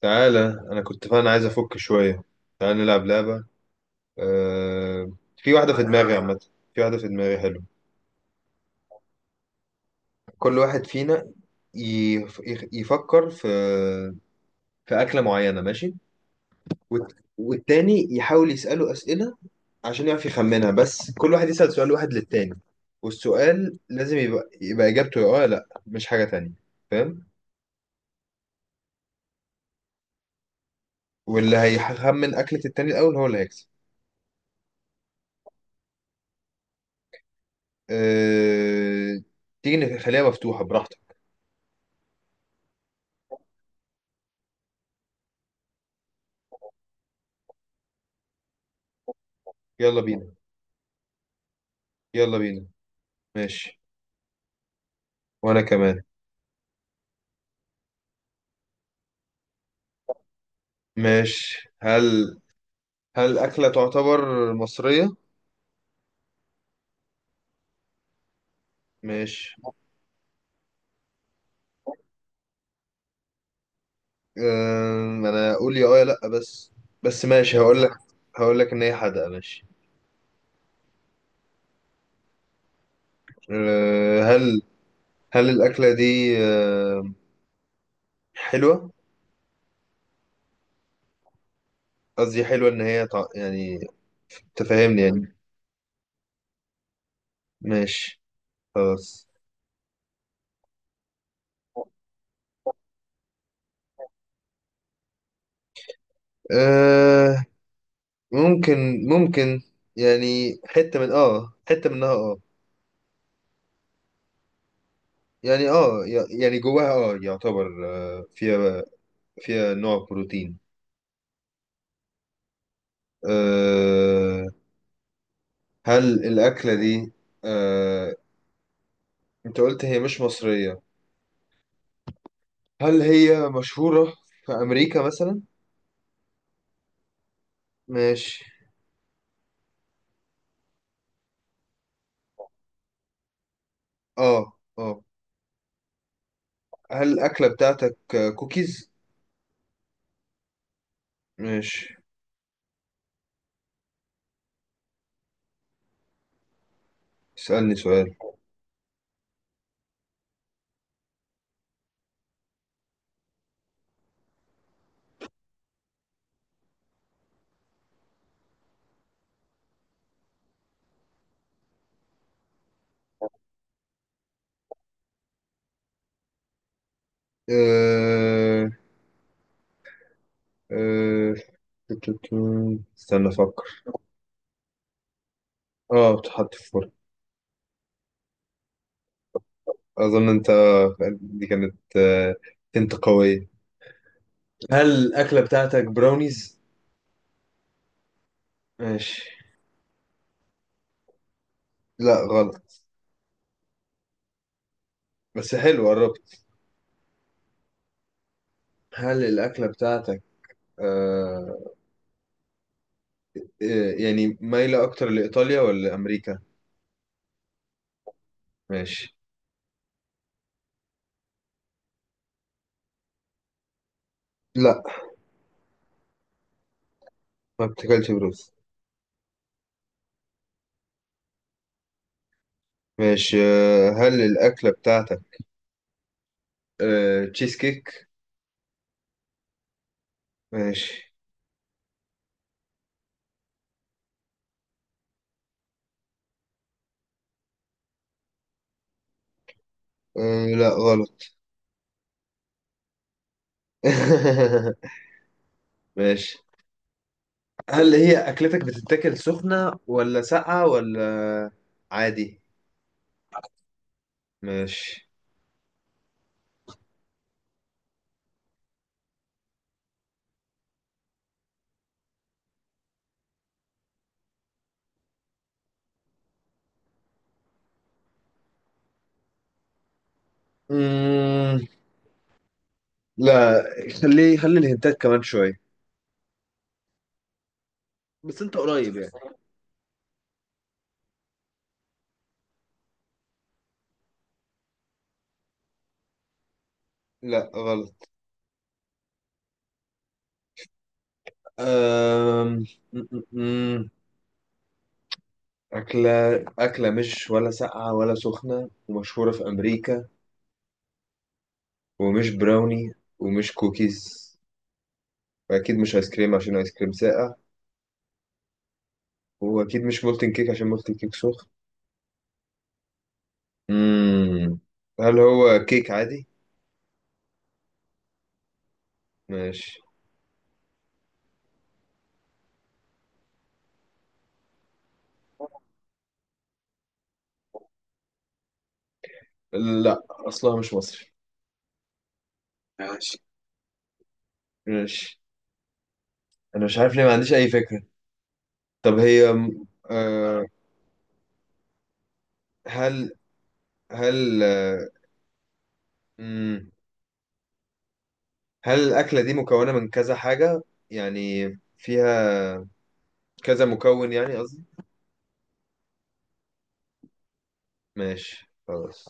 تعالى، انا كنت فعلا عايز افك شويه. تعالى نلعب لعبه. في واحده في دماغي عامه. في واحده في دماغي حلو. كل واحد فينا يفكر في في اكله معينه. ماشي. والتاني يحاول يساله اسئله عشان يعرف يخمنها، بس كل واحد يسال سؤال واحد للتاني، والسؤال لازم يبقى اجابته يا اه يا لا، مش حاجه تانية. فاهم؟ واللي هيخمن اكله التاني الاول هو اللي هيكسب. أه... تيجي نخليها مفتوحه براحتك. يلا بينا. يلا بينا. ماشي. وانا كمان. ماشي، هل هل اكله تعتبر مصريه؟ ماشي. انا اقول يا اه يا لا بس. بس ماشي هقول لك، هقول لك ان هي حادقه. ماشي. أه، هل هل الاكله دي حلوه؟ قصدي حلوه ان هي يعني، تفهمني يعني. ماشي. خلاص. أه... ممكن، ممكن يعني حته من اه، حته منها اه. يعني اه، يعني جواها اه يعتبر، آه، فيها فيها نوع بروتين. أه، هل الأكلة دي أه، أنت قلت هي مش مصرية، هل هي مشهورة في أمريكا مثلا؟ ماشي. اه. اه، هل الأكلة بتاعتك آه، كوكيز؟ ماشي. اسألني سؤال. أه، أه، تو. استنى أفكر. اه بتحط في فرن. أظن أنت، دي كانت آه، أنت قوية. هل الأكلة بتاعتك براونيز؟ ماشي. لا غلط. بس حلو قربت. هل الأكلة بتاعتك آه، إيه، يعني مايلة أكتر لإيطاليا ولا أمريكا؟ ماشي. لا ما بتاكلش بروز. ماشي آه، هل الأكلة بتاعتك آه، تشيز كيك؟ ماشي. آه لا غلط. ماشي، هل هي أكلتك بتتاكل سخنة ولا ساقعة ولا عادي؟ ماشي. مم... لا، خليه خلي الهنتات كمان شوية. بس انت قريب يعني. لا غلط. أم... أكلة، أكلة مش ولا ساقعة ولا سخنة ومشهورة في أمريكا، ومش براوني، ومش كوكيز، وأكيد مش آيس كريم عشان آيس كريم ساقع، وأكيد مش مولتن كيك عشان مولتن كيك سخن. مم. هل هو كيك عادي؟ ماشي. لا أصلها مش مصري. ماشي. ماشي. أنا مش عارف ليه، ما عنديش أي فكرة. طب هي آه، هل هل آه، مم، هل الأكلة دي مكونة من كذا حاجة يعني، فيها كذا مكون يعني. ماشي خلاص.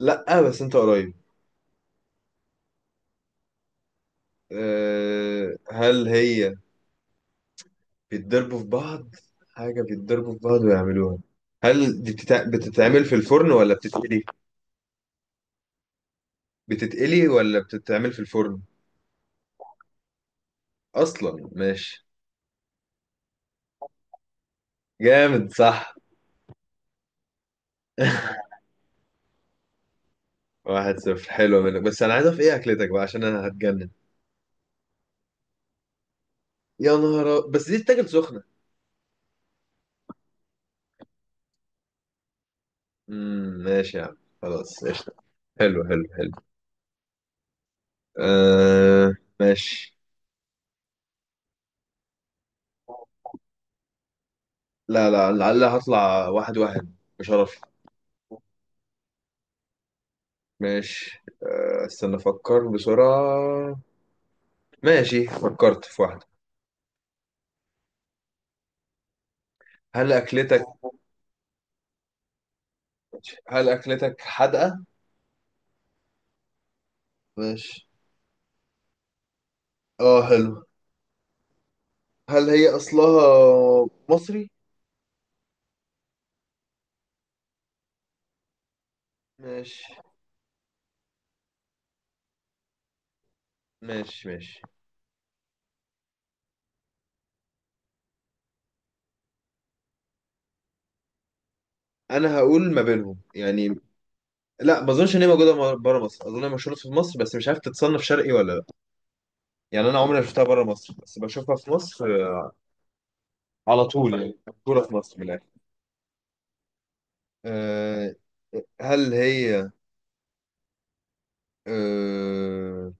لا بس انت قريب. أه، هل هي بيتضربوا في بعض، حاجة بيتضربوا في بعض ويعملوها. هل دي بتتعمل في الفرن ولا بتتقلي؟ بتتقلي ولا بتتعمل في الفرن؟ اصلا ماشي. جامد صح. واحد صفر، حلو منك، بس انا عايز اعرف ايه اكلتك بقى عشان انا هتجنن. يا نهار بس دي تتاكل سخنة. ماشي يا عم، خلاص قشطة. حلو حلو حلو. أه ماشي. لا لا، لعل هطلع واحد واحد بشرف. ماشي آه، استنى افكر بسرعة. ماشي فكرت في واحدة. هل أكلتك، هل أكلتك حادقة؟ ماشي. اه حلو. هل هي أصلها مصري؟ ماشي. ماشي. ماشي. أنا هقول ما بينهم يعني. لا ما أظنش إن هي موجودة بره مصر، أظن هي مشهورة في مصر بس مش عارف تتصنف شرقي ولا لا. يعني أنا عمري ما شفتها بره مصر، بس بشوفها في مصر على طول يعني، مشهورة في مصر من الآخر. أه هل هي، أه...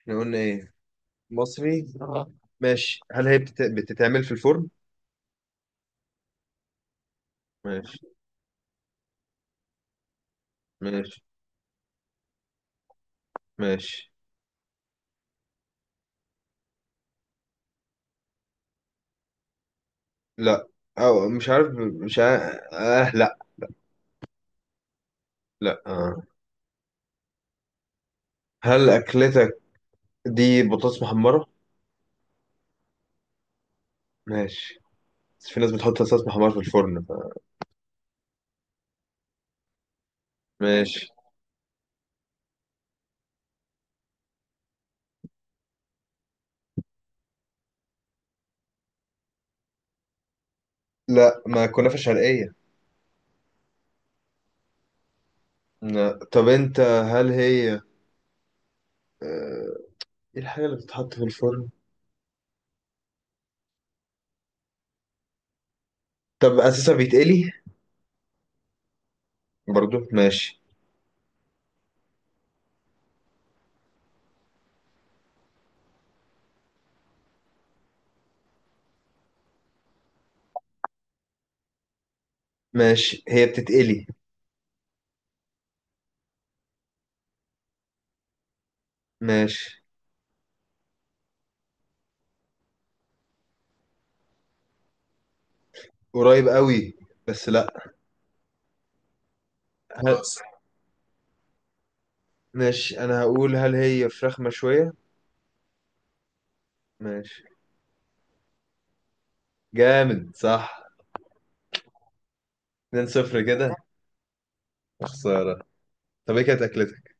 احنا قلنا إيه؟ مصري آه. ماشي هل هي بتتعمل في الفرن؟ ماشي. ماشي. ماشي. لا، أو مش عارف، مش عارف، آه لا. لا آه. هل أكلتك دي بطاطس محمرة؟ ماشي. بس في ناس بتحط بطاطس محمرة في الفرن ف... ماشي. لا ما كنافة شرقية. لا. طب انت هل هي ايه، الحاجة اللي بتتحط في الفرن؟ طب أساسا بيتقلي؟ برضو ماشي. ماشي هي بتتقلي. ماشي. قريب قوي بس لا. هل... خلاص. ماشي انا هقول هل هي فراخ مشوية؟ ماشي. جامد صح. 2-0 كده. خسارة. طب ايه كانت اكلتك؟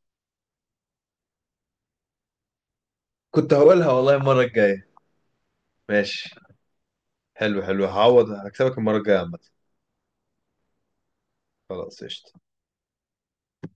كنت هقولها والله المرة الجاية. ماشي. حلو حلو، هعوض هكسبك المرة الجاية عامة. خلاص قشطة.